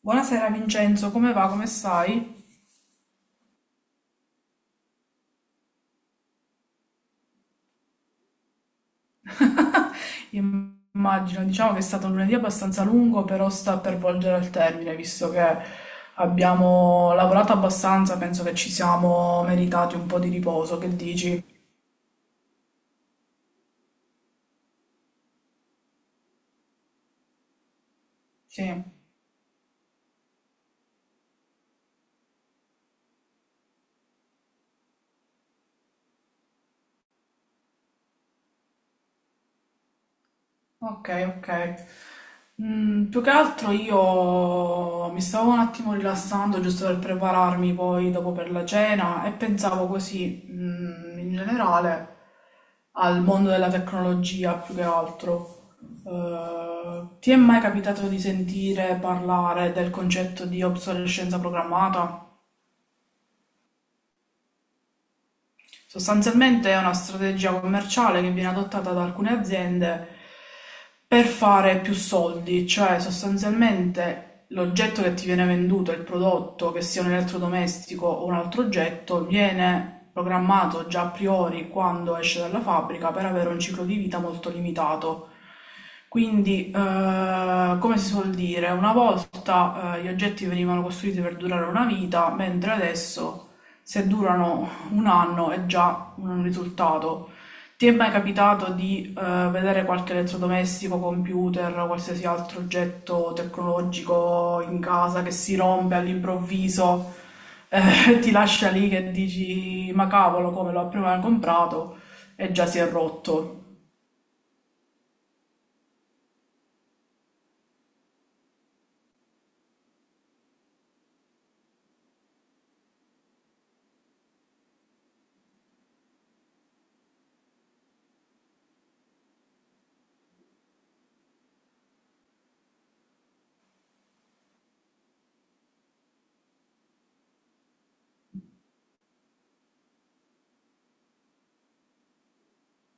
Buonasera Vincenzo, come va? Come stai? Immagino, diciamo che è stato un lunedì abbastanza lungo, però sta per volgere al termine, visto che abbiamo lavorato abbastanza, penso che ci siamo meritati un po' di riposo, che dici? Sì. Ok, ok. Più che altro io mi stavo un attimo rilassando giusto per prepararmi poi dopo per la cena e pensavo così, in generale, al mondo della tecnologia più che altro. Ti è mai capitato di sentire parlare del concetto di obsolescenza programmata? Sostanzialmente è una strategia commerciale che viene adottata da alcune aziende per fare più soldi, cioè sostanzialmente l'oggetto che ti viene venduto, il prodotto, che sia un elettrodomestico o un altro oggetto, viene programmato già a priori quando esce dalla fabbrica per avere un ciclo di vita molto limitato. Quindi, come si suol dire, una volta gli oggetti venivano costruiti per durare una vita, mentre adesso se durano un anno è già un risultato. Ti è mai capitato di vedere qualche elettrodomestico, computer, qualsiasi altro oggetto tecnologico in casa che si rompe all'improvviso, ti lascia lì che dici, ma cavolo, come l'ho prima comprato e già si è rotto.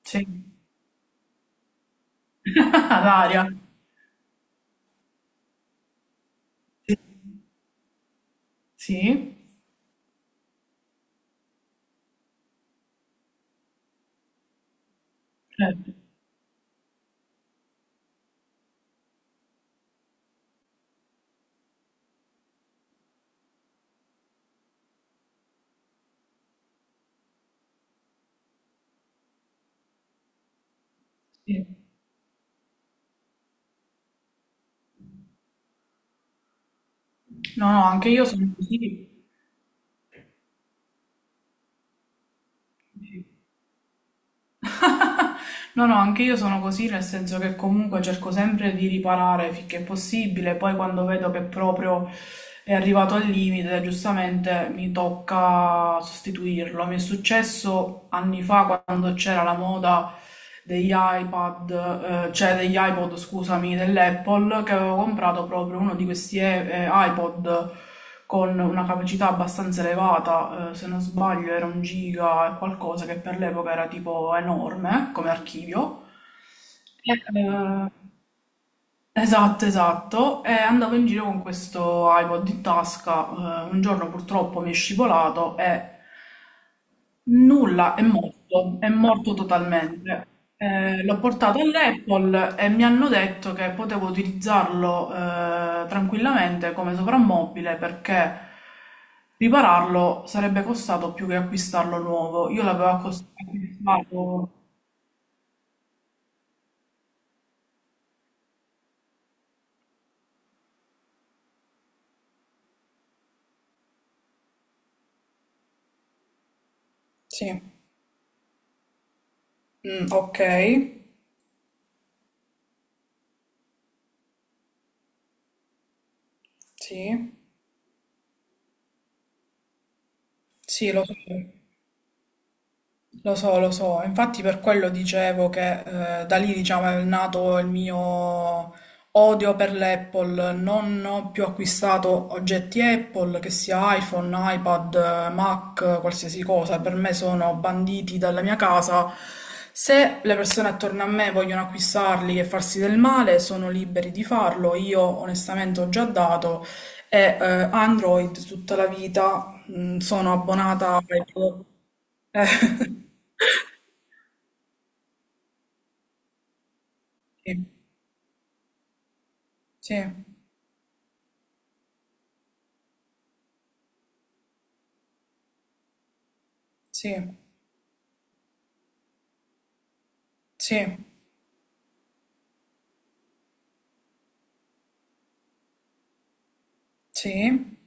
Sì. Ad aria. Sì. Certo. Sì. No, no, anche io sono così. Sì. No, no, anche io sono così, nel senso che comunque cerco sempre di riparare finché è possibile, poi quando vedo che proprio è arrivato al limite, giustamente mi tocca sostituirlo. Mi è successo anni fa quando c'era la moda degli iPad, cioè degli iPod, scusami, dell'Apple, che avevo comprato proprio uno di questi iPod con una capacità abbastanza elevata, se non sbaglio era un giga e qualcosa che per l'epoca era tipo enorme come archivio. Eh, esatto, esatto. E andavo in giro con questo iPod in tasca. Un giorno purtroppo mi è scivolato e nulla, è morto totalmente. L'ho portato all'Apple e mi hanno detto che potevo utilizzarlo tranquillamente come soprammobile perché ripararlo sarebbe costato più che acquistarlo nuovo. Io acquistato. Sì, mm, ok, sì, sì, lo so. Lo so, lo so, infatti per quello dicevo che da lì diciamo è nato il mio odio per l'Apple, non ho più acquistato oggetti Apple, che sia iPhone, iPad, Mac, qualsiasi cosa, per me sono banditi dalla mia casa. Se le persone attorno a me vogliono acquistarli e farsi del male, sono liberi di farlo, io onestamente ho già dato e Android tutta la vita, sono abbonata ai prodotti. Eh. Sì, sì, sì, sì, sì,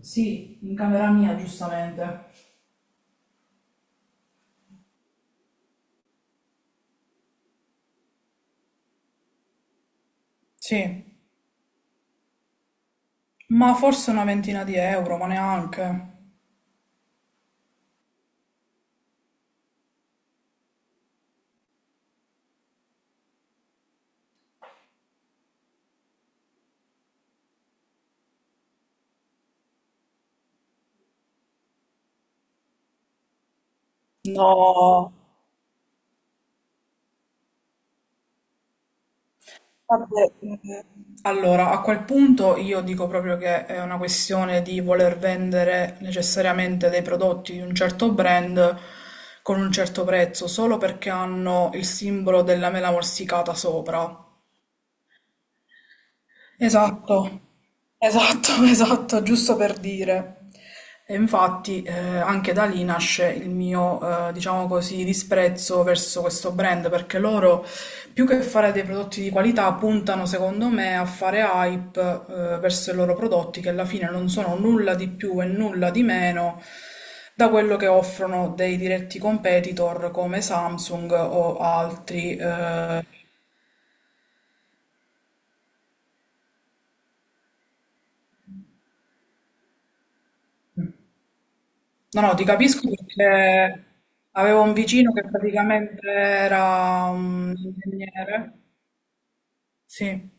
sì, in camera mia, giustamente. Sì. Ma forse una ventina di euro, ma neanche. Vabbè, allora, a quel punto io dico proprio che è una questione di voler vendere necessariamente dei prodotti di un certo brand con un certo prezzo, solo perché hanno il simbolo della mela morsicata sopra. Esatto, esatto, esatto, giusto per dire. E infatti anche da lì nasce il mio, diciamo così, disprezzo verso questo brand, perché loro, più che fare dei prodotti di qualità, puntano, secondo me, a fare hype verso i loro prodotti, che alla fine non sono nulla di più e nulla di meno da quello che offrono dei diretti competitor come Samsung o altri. Eh, no, no, ti capisco perché avevo un vicino che praticamente era un ingegnere. Sì,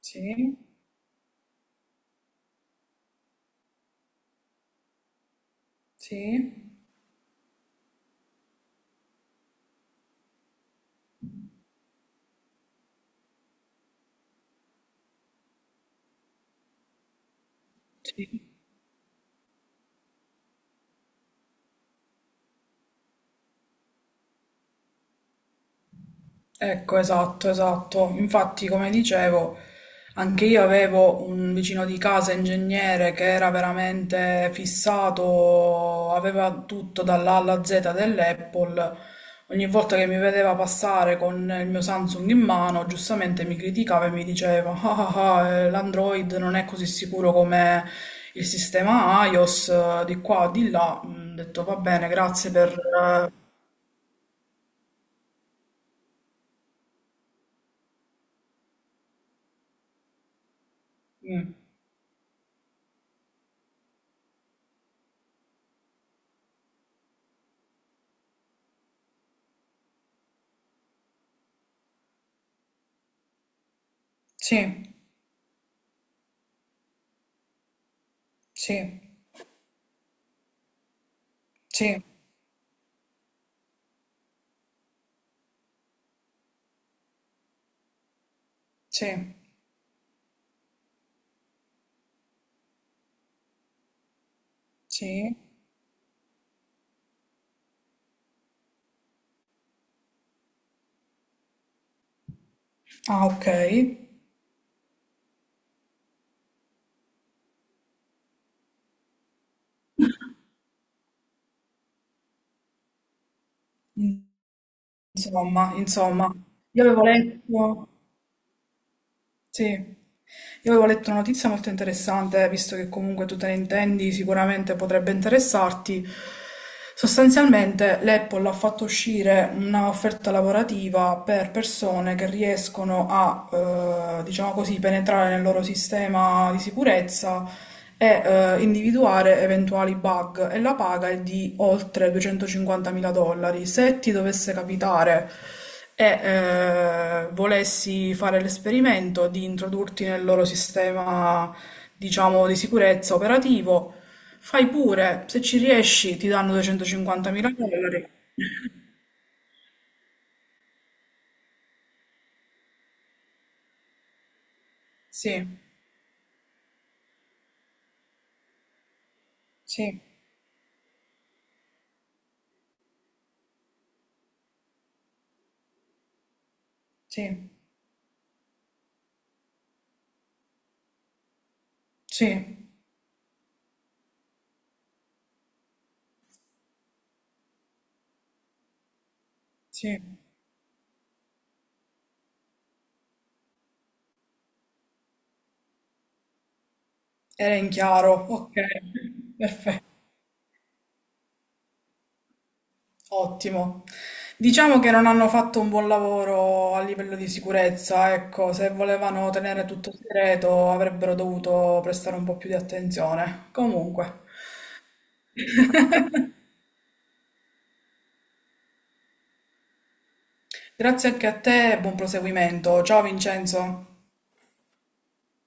sì, sì, sì. Ecco, esatto, esatto. Infatti, come dicevo, anche io avevo un vicino di casa ingegnere che era veramente fissato, aveva tutto dall'A alla Z dell'Apple. Ogni volta che mi vedeva passare con il mio Samsung in mano, giustamente mi criticava e mi diceva: Ah, ah, ah, l'Android non è così sicuro come il sistema iOS, di qua, di là. Mm, ho detto va bene, grazie per. eh, mm, Sì, sì, sì. Sì, sì. Ah, ok. Insomma, insomma, io avevo letto. Sì, io avevo letto una notizia molto interessante, visto che comunque tu te ne intendi, sicuramente potrebbe interessarti. Sostanzialmente l'Apple ha fatto uscire un'offerta lavorativa per persone che riescono a, diciamo così, penetrare nel loro sistema di sicurezza e individuare eventuali bug e la paga è di oltre 250.000 dollari. Se ti dovesse capitare e volessi fare l'esperimento di introdurti nel loro sistema, diciamo, di sicurezza operativo, fai pure, se ci riesci ti danno 250.000 dollari. Sì, sì, sì, sì, sì, era in chiaro, ok, perfetto. Ottimo. Diciamo che non hanno fatto un buon lavoro a livello di sicurezza, ecco, se volevano tenere tutto segreto avrebbero dovuto prestare un po' più di attenzione. Comunque, grazie anche a te e buon proseguimento. Ciao Vincenzo.